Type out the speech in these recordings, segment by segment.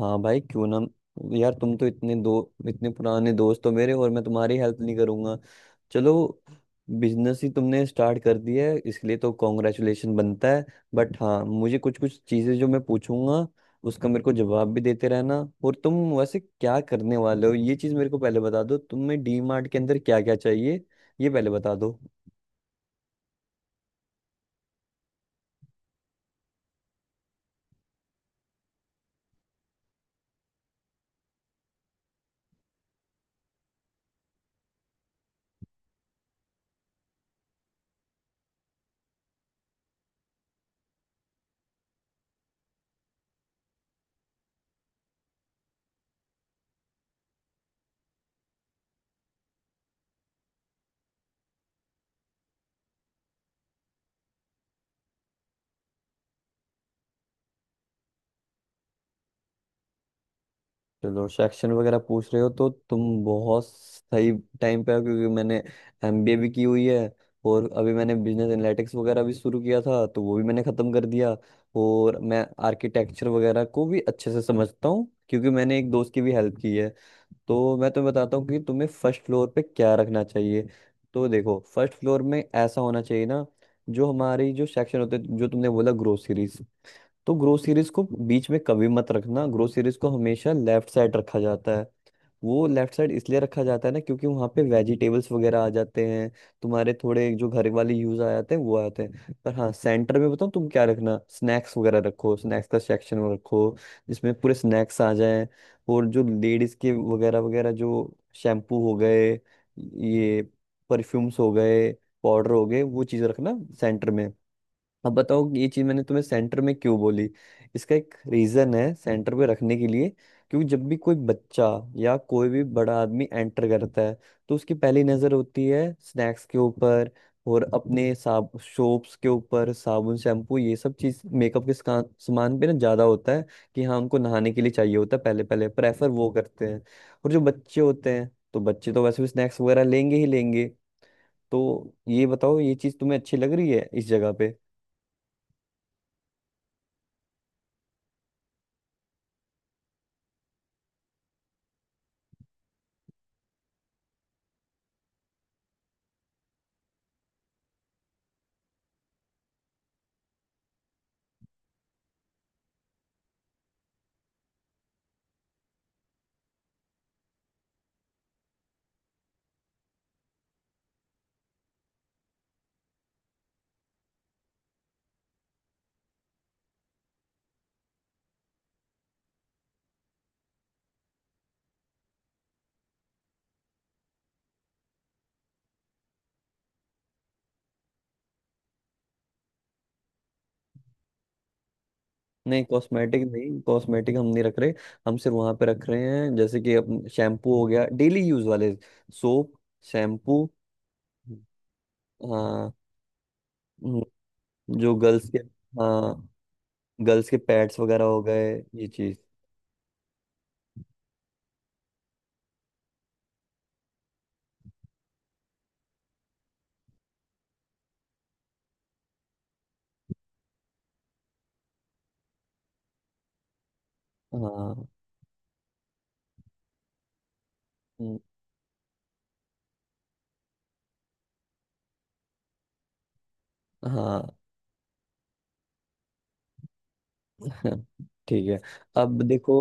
हाँ भाई, क्यों ना। यार तुम तो इतने पुराने दोस्त हो मेरे, और मैं तुम्हारी हेल्प नहीं करूंगा? चलो, बिजनेस ही तुमने स्टार्ट कर दिया है इसलिए तो कॉन्ग्रेचुलेशन बनता है। बट हाँ, मुझे कुछ कुछ चीजें जो मैं पूछूंगा, उसका मेरे को जवाब भी देते रहना। और तुम वैसे क्या करने वाले हो ये चीज मेरे को पहले बता दो। तुम्हें डी मार्ट के अंदर क्या क्या चाहिए ये पहले बता दो। चलो, सेक्शन वगैरह पूछ रहे हो तो तुम बहुत सही टाइम पे हो, क्योंकि मैंने एमबीए भी की हुई है, और अभी मैंने बिजनेस एनालिटिक्स वगैरह भी शुरू किया था तो वो भी मैंने ख़त्म कर दिया। और मैं आर्किटेक्चर वगैरह को भी अच्छे से समझता हूँ क्योंकि मैंने एक दोस्त की भी हेल्प की है। तो मैं तुम्हें बताता हूँ कि तुम्हें फर्स्ट फ्लोर पे क्या रखना चाहिए। तो देखो, फर्स्ट फ्लोर में ऐसा होना चाहिए ना, जो हमारी जो सेक्शन होते, जो तुमने बोला ग्रोसरीज, तो ग्रो सीरीज को बीच में कभी मत रखना। ग्रो सीरीज को हमेशा लेफ्ट साइड रखा जाता है। वो लेफ्ट साइड इसलिए रखा जाता है ना, क्योंकि वहाँ पे वेजिटेबल्स वगैरह आ जाते हैं, तुम्हारे थोड़े जो घर वाले यूज आ जाते हैं वो आ जाते हैं। पर हाँ, सेंटर में बताऊँ तुम क्या रखना, स्नैक्स वगैरह रखो, स्नैक्स का सेक्शन रखो, जिसमें पूरे स्नैक्स आ जाएं। और जो लेडीज के वगैरह वगैरह, जो शैम्पू हो गए, ये परफ्यूम्स हो गए, पाउडर हो गए, वो चीज़ रखना सेंटर में। अब बताओ कि ये चीज मैंने तुम्हें सेंटर में क्यों बोली। इसका एक रीजन है सेंटर पे रखने के लिए, क्योंकि जब भी कोई बच्चा या कोई भी बड़ा आदमी एंटर करता है, तो उसकी पहली नजर होती है स्नैक्स के ऊपर और अपने साब सोप्स के ऊपर, साबुन शैम्पू ये सब चीज मेकअप के सामान पे ना ज्यादा होता है कि हाँ, उनको नहाने के लिए चाहिए होता है, पहले पहले प्रेफर वो करते हैं। और जो बच्चे होते हैं तो बच्चे तो वैसे भी स्नैक्स वगैरह लेंगे ही लेंगे। तो ये बताओ, ये चीज तुम्हें अच्छी लग रही है इस जगह? नहीं, कॉस्मेटिक नहीं, कॉस्मेटिक हम नहीं रख रहे। हम सिर्फ वहां पे रख रहे हैं जैसे कि अपन, शैम्पू हो गया, डेली यूज वाले सोप, शैम्पू। हाँ। हम्म। जो गर्ल्स के, हाँ, गर्ल्स के पैड्स वगैरह हो गए, ये चीज। हाँ। हम्म। हाँ। ठीक है। अब देखो,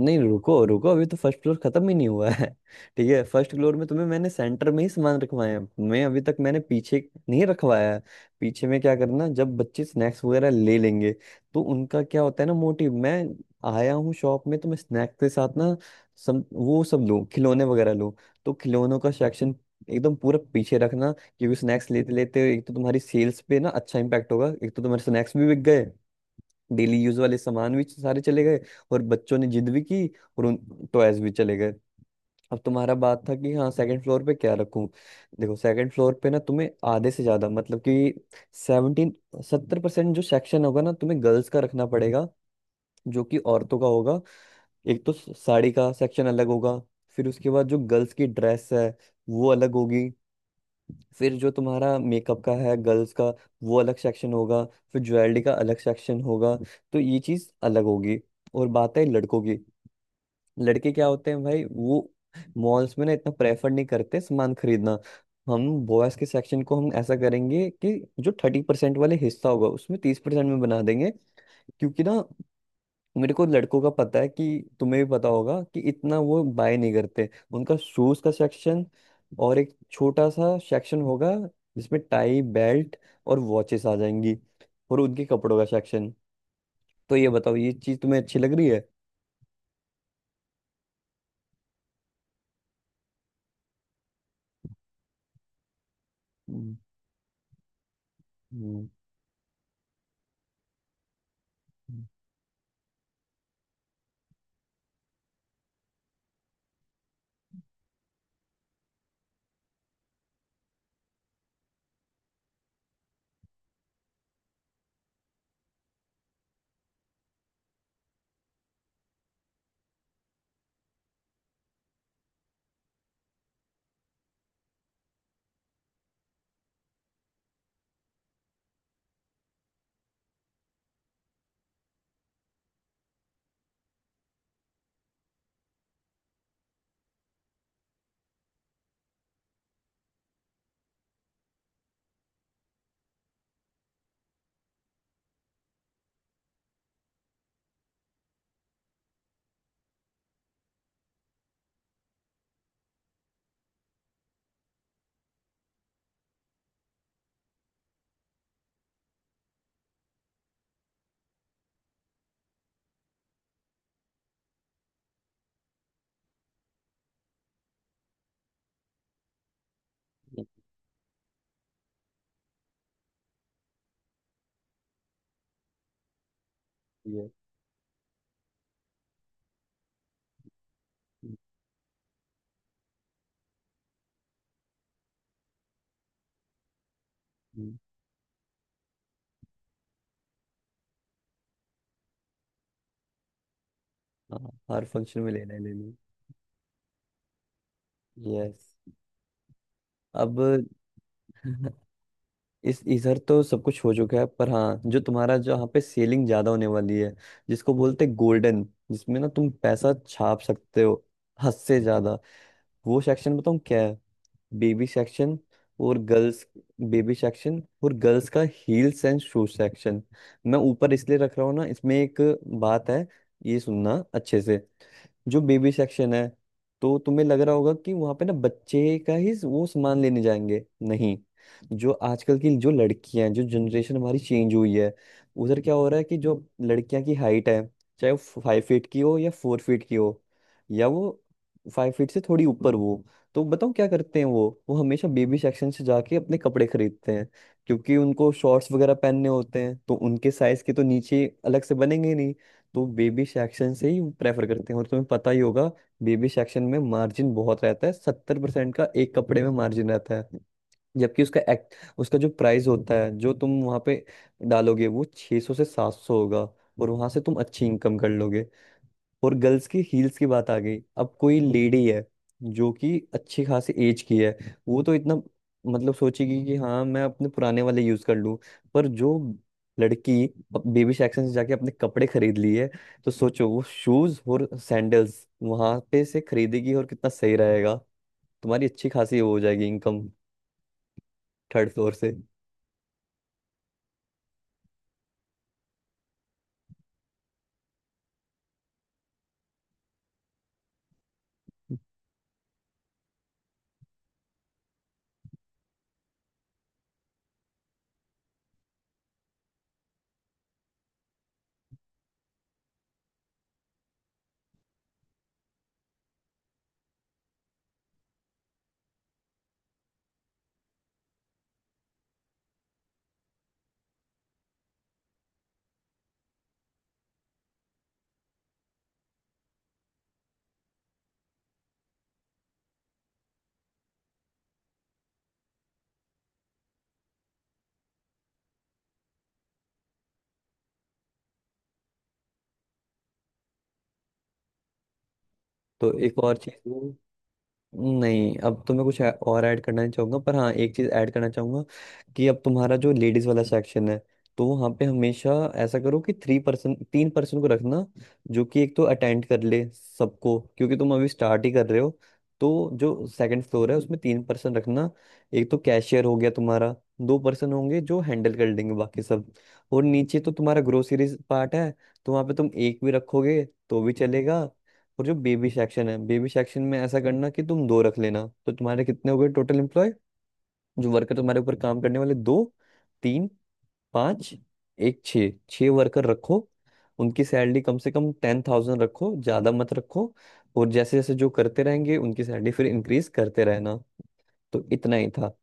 नहीं रुको रुको, अभी तो फर्स्ट फ्लोर खत्म ही नहीं हुआ है। ठीक है, फर्स्ट फ्लोर में तुम्हें मैंने सेंटर में ही सामान रखवाए हैं, मैं अभी तक मैंने पीछे नहीं रखवाया है। पीछे में क्या करना, जब बच्चे स्नैक्स वगैरह ले लेंगे, तो उनका क्या होता है ना मोटिव, मैं आया हूँ शॉप में तो मैं स्नैक्स के साथ ना सब वो सब लूँ, खिलौने वगैरह लूँ। तो खिलौनों का सेक्शन एकदम पूरा पीछे रखना, क्योंकि स्नैक्स लेते लेते एक तो तुम्हारी सेल्स पे ना अच्छा इम्पैक्ट होगा, एक तो तुम्हारे स्नैक्स भी बिक गए, डेली यूज वाले सामान भी सारे चले गए, और बच्चों ने जिद भी की, और उन टॉयज भी चले गए। अब तुम्हारा बात था कि हाँ, सेकंड फ्लोर पे क्या रखूं। देखो, सेकंड फ्लोर पे ना तुम्हें आधे से ज्यादा मतलब कि सेवनटीन 70% जो सेक्शन होगा ना तुम्हें गर्ल्स का रखना पड़ेगा, जो कि औरतों का होगा। एक तो साड़ी का सेक्शन अलग होगा, फिर उसके बाद जो गर्ल्स की ड्रेस है वो अलग होगी, फिर जो तुम्हारा मेकअप का है गर्ल्स का वो अलग सेक्शन होगा, फिर ज्वेलरी का अलग सेक्शन होगा। तो ये चीज अलग होगी। और बात है लड़कों की। लड़के क्या होते हैं भाई वो, मॉल्स में ना इतना प्रेफर नहीं करते सामान खरीदना। हम बॉयज के सेक्शन को हम ऐसा करेंगे कि जो 30% वाले हिस्सा होगा उसमें 30% में बना देंगे, क्योंकि ना मेरे को लड़कों का पता है कि, तुम्हें भी पता होगा कि इतना वो बाय नहीं करते। उनका शूज का सेक्शन, और एक छोटा सा सेक्शन होगा जिसमें टाई, बेल्ट और वॉचेस आ जाएंगी, और उनके कपड़ों का सेक्शन। तो ये बताओ, ये चीज तुम्हें अच्छी लग रही है? हम्म। हम्म। हम्म। लगती है। हम्म। हम्म। हाँ, हर फंक्शन में लेना ही लेना। यस। अब इस इधर तो सब कुछ हो चुका है, पर हाँ, जो तुम्हारा जहाँ पे सेलिंग ज्यादा होने वाली है, जिसको बोलते हैं गोल्डन, जिसमें ना तुम पैसा छाप सकते हो हद से ज्यादा, वो सेक्शन बताऊँ क्या है? बेबी सेक्शन और गर्ल्स, बेबी सेक्शन और गर्ल्स का हील्स एंड शूज सेक्शन। मैं ऊपर इसलिए रख रहा हूँ ना, इसमें एक बात है, ये सुनना अच्छे से। जो बेबी सेक्शन है तो तुम्हें लग रहा होगा कि वहां पे ना बच्चे का ही वो सामान लेने जाएंगे, नहीं। जो आजकल की जो लड़कियां हैं, जो जनरेशन हमारी चेंज हुई है, उधर क्या हो रहा है कि जो लड़कियां की हाइट है, चाहे वो फाइव फीट की हो या फोर फीट की हो या वो फाइव फीट से थोड़ी ऊपर हो, तो बताओ क्या करते हैं वो हमेशा बेबी सेक्शन से जाके अपने कपड़े खरीदते हैं। क्योंकि उनको शॉर्ट्स वगैरह पहनने होते हैं तो उनके साइज के तो नीचे अलग से बनेंगे नहीं, तो बेबी सेक्शन से ही प्रेफर करते हैं। और तुम्हें पता ही होगा, बेबी सेक्शन में मार्जिन बहुत रहता है, सत्तर परसेंट का एक कपड़े में मार्जिन रहता है। जबकि उसका एक्ट, उसका जो प्राइस होता है जो तुम वहां पे डालोगे वो 600 से 700 होगा, और वहां से तुम अच्छी इनकम कर लोगे। और गर्ल्स की हील्स की बात आ गई, अब कोई लेडी है जो कि अच्छी खासी एज की है, वो तो इतना मतलब सोचेगी कि हाँ, मैं अपने पुराने वाले यूज कर लूँ। पर जो लड़की बेबी सेक्शन से जाके अपने कपड़े खरीद लिए, तो सोचो वो शूज और सैंडल्स वहां पे से खरीदेगी, और कितना सही रहेगा, तुम्हारी अच्छी खासी वो हो जाएगी इनकम, थर्ड फ्लोर से। तो एक और चीज, नहीं अब तो मैं कुछ और ऐड करना नहीं चाहूंगा, पर हाँ एक चीज ऐड करना चाहूंगा। कि अब तुम्हारा जो लेडीज वाला सेक्शन है, तो वहाँ पे हमेशा ऐसा करो कि थ्री पर्सन तीन पर्सन को रखना, जो कि एक तो अटेंड कर ले सबको, क्योंकि तुम अभी स्टार्ट ही कर रहे हो। तो जो सेकंड फ्लोर है उसमें तीन पर्सन रखना, एक तो कैशियर हो गया तुम्हारा, दो पर्सन होंगे जो हैंडल कर लेंगे बाकी सब। और नीचे तो तुम्हारा ग्रोसरीज पार्ट है, तो वहाँ पे तुम एक भी रखोगे तो भी चलेगा। और जो बेबी सेक्शन है, बेबी सेक्शन में ऐसा करना कि तुम दो रख लेना। तो तुम्हारे कितने हो गए टोटल एम्प्लॉय, जो वर्कर तुम्हारे ऊपर काम करने वाले, दो, तीन, पाँच, एक, छः, छः वर्कर रखो। उनकी सैलरी कम से कम 10,000 रखो, ज़्यादा मत रखो। और जैसे जैसे जो करते रहेंगे उनकी सैलरी फिर इंक्रीज करते रहना। तो इतना ही था।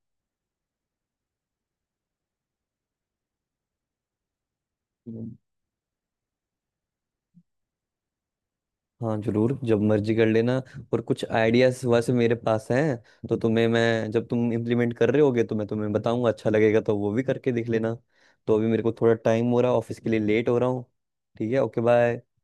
हाँ जरूर, जब मर्जी कर लेना। और कुछ आइडियाज वैसे मेरे पास हैं तो तुम्हें मैं, जब तुम इम्प्लीमेंट कर रहे होगे तो मैं तुम्हें बताऊंगा, अच्छा लगेगा तो वो भी करके देख लेना। तो अभी मेरे को थोड़ा टाइम हो रहा है, ऑफिस के लिए लेट हो रहा हूँ। ठीक है, ओके, बाय।